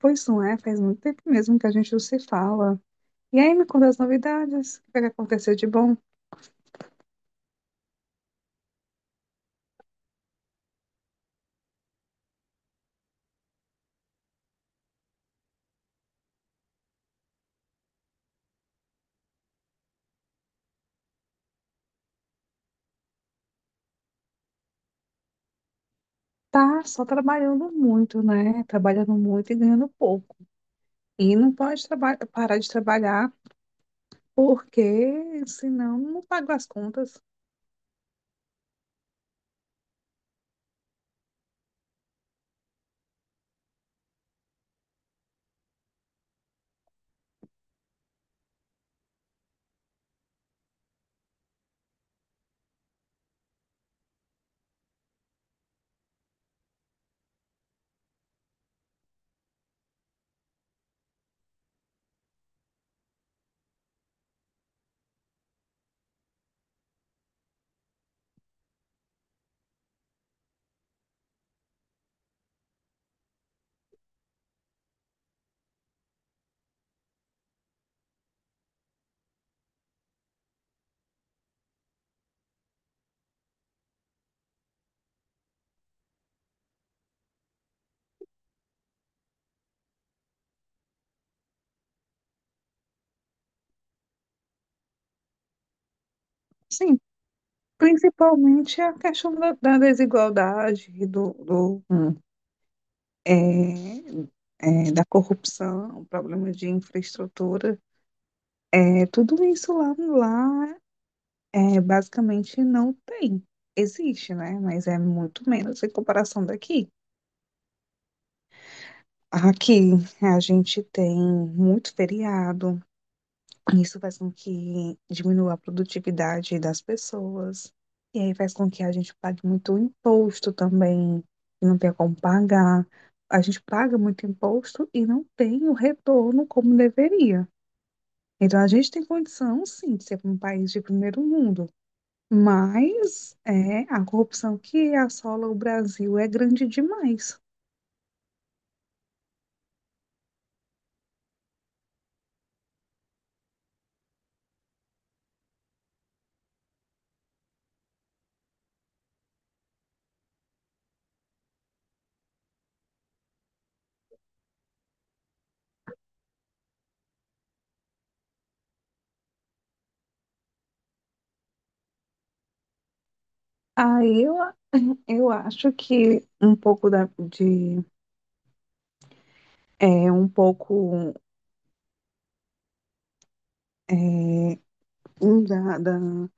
Pois não é, faz muito tempo mesmo que a gente não se fala. E aí, me conta as novidades, o que vai acontecer de bom? Tá só trabalhando muito, né? Trabalhando muito e ganhando pouco. E não pode parar de trabalhar, porque senão não pago as contas. Sim, principalmente a questão da desigualdade, do, é, da corrupção, problema de infraestrutura. É, tudo isso lá é, basicamente não tem. Existe, né? Mas é muito menos em comparação daqui. Aqui a gente tem muito feriado, isso faz com que diminua a produtividade das pessoas, e aí faz com que a gente pague muito imposto também, e não tem como pagar. A gente paga muito imposto e não tem o retorno como deveria. Então a gente tem condição, sim, de ser um país de primeiro mundo. Mas é, a corrupção que assola o Brasil é grande demais. Aí eu acho que um pouco da, de é, um pouco um da, da-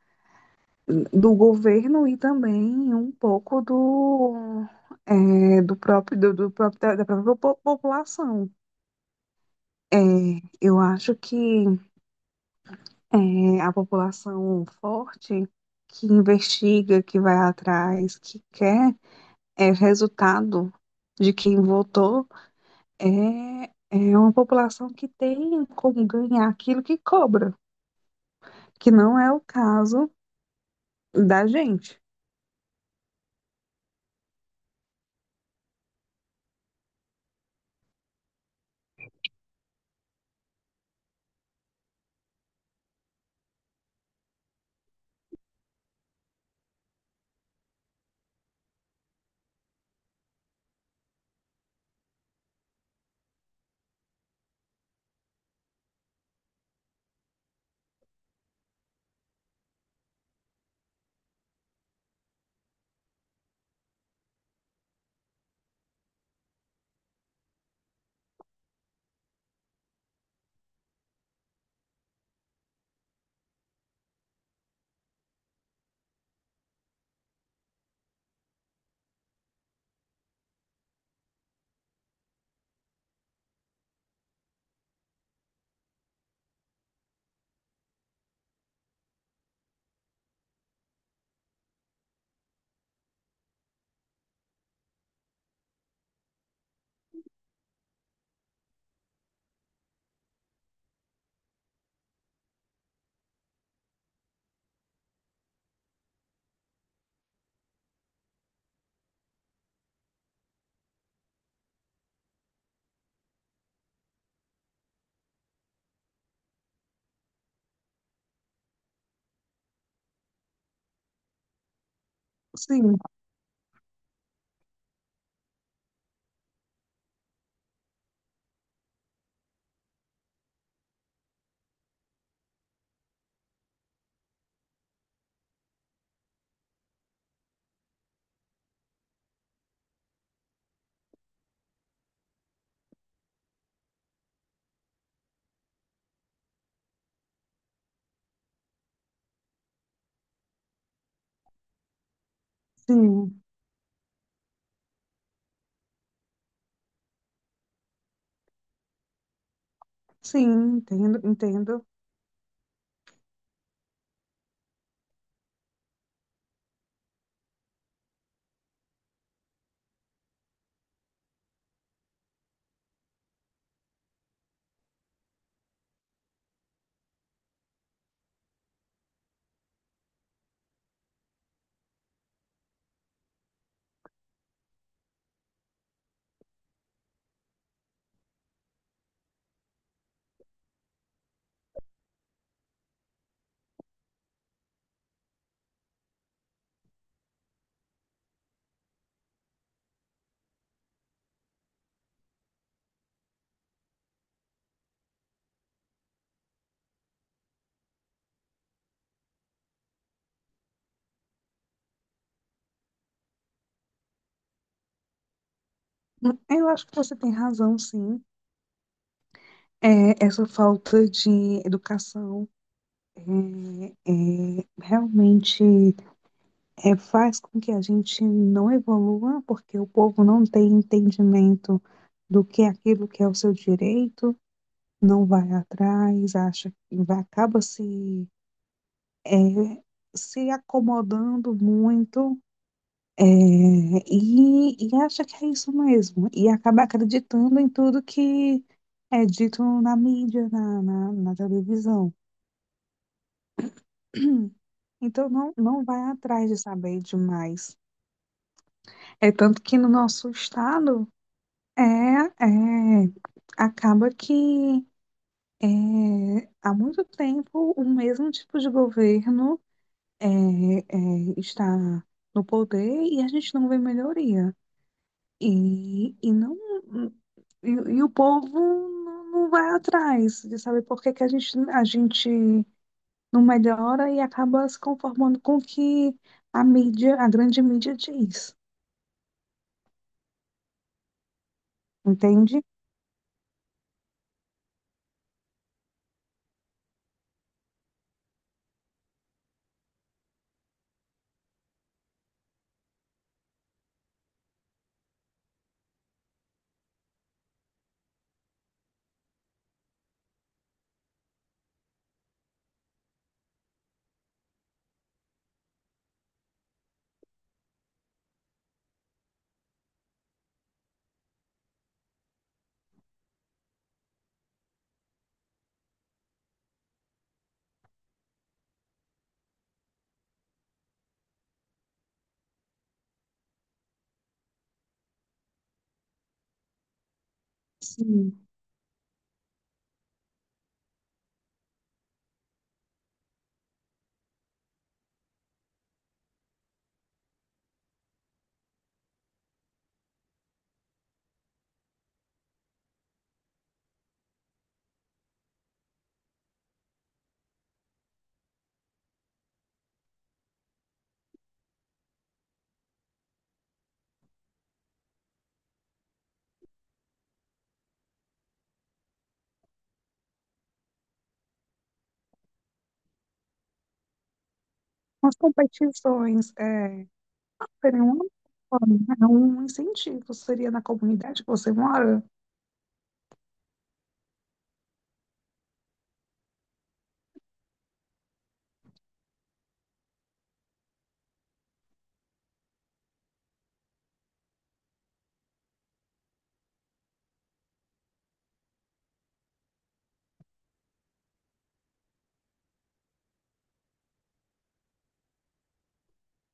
do governo e também um pouco do, é, do próprio, do, do próprio da, da própria po- população. É, eu acho que é, a população forte que investiga, que vai atrás, que quer é resultado de quem votou é, é uma população que tem como ganhar aquilo que cobra, que não é o caso da gente. Sim, sim, sim. Entendo, entendo. Eu acho que você tem razão, sim. É, essa falta de educação é, realmente faz com que a gente não evolua, porque o povo não tem entendimento do que é aquilo que é o seu direito, não vai atrás, acha que vai, acaba é, se acomodando muito, e acha que é isso mesmo, e acaba acreditando em tudo que é dito na mídia, na televisão. Então não, não vai atrás de saber demais. É tanto que no nosso estado é, é acaba que é, há muito tempo o mesmo tipo de governo é, está no poder e a gente não vê melhoria. E, e não e o povo não vai atrás de saber por que que a gente não melhora e acaba se conformando com o que a mídia, a grande mídia diz, entende? Sim. As competições é, seriam uma forma, é um incentivo, seria na comunidade que você mora.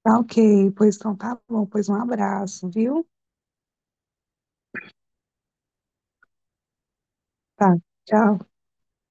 Tá, ok, pois então tá bom, pois um abraço, viu? Tá, tchau.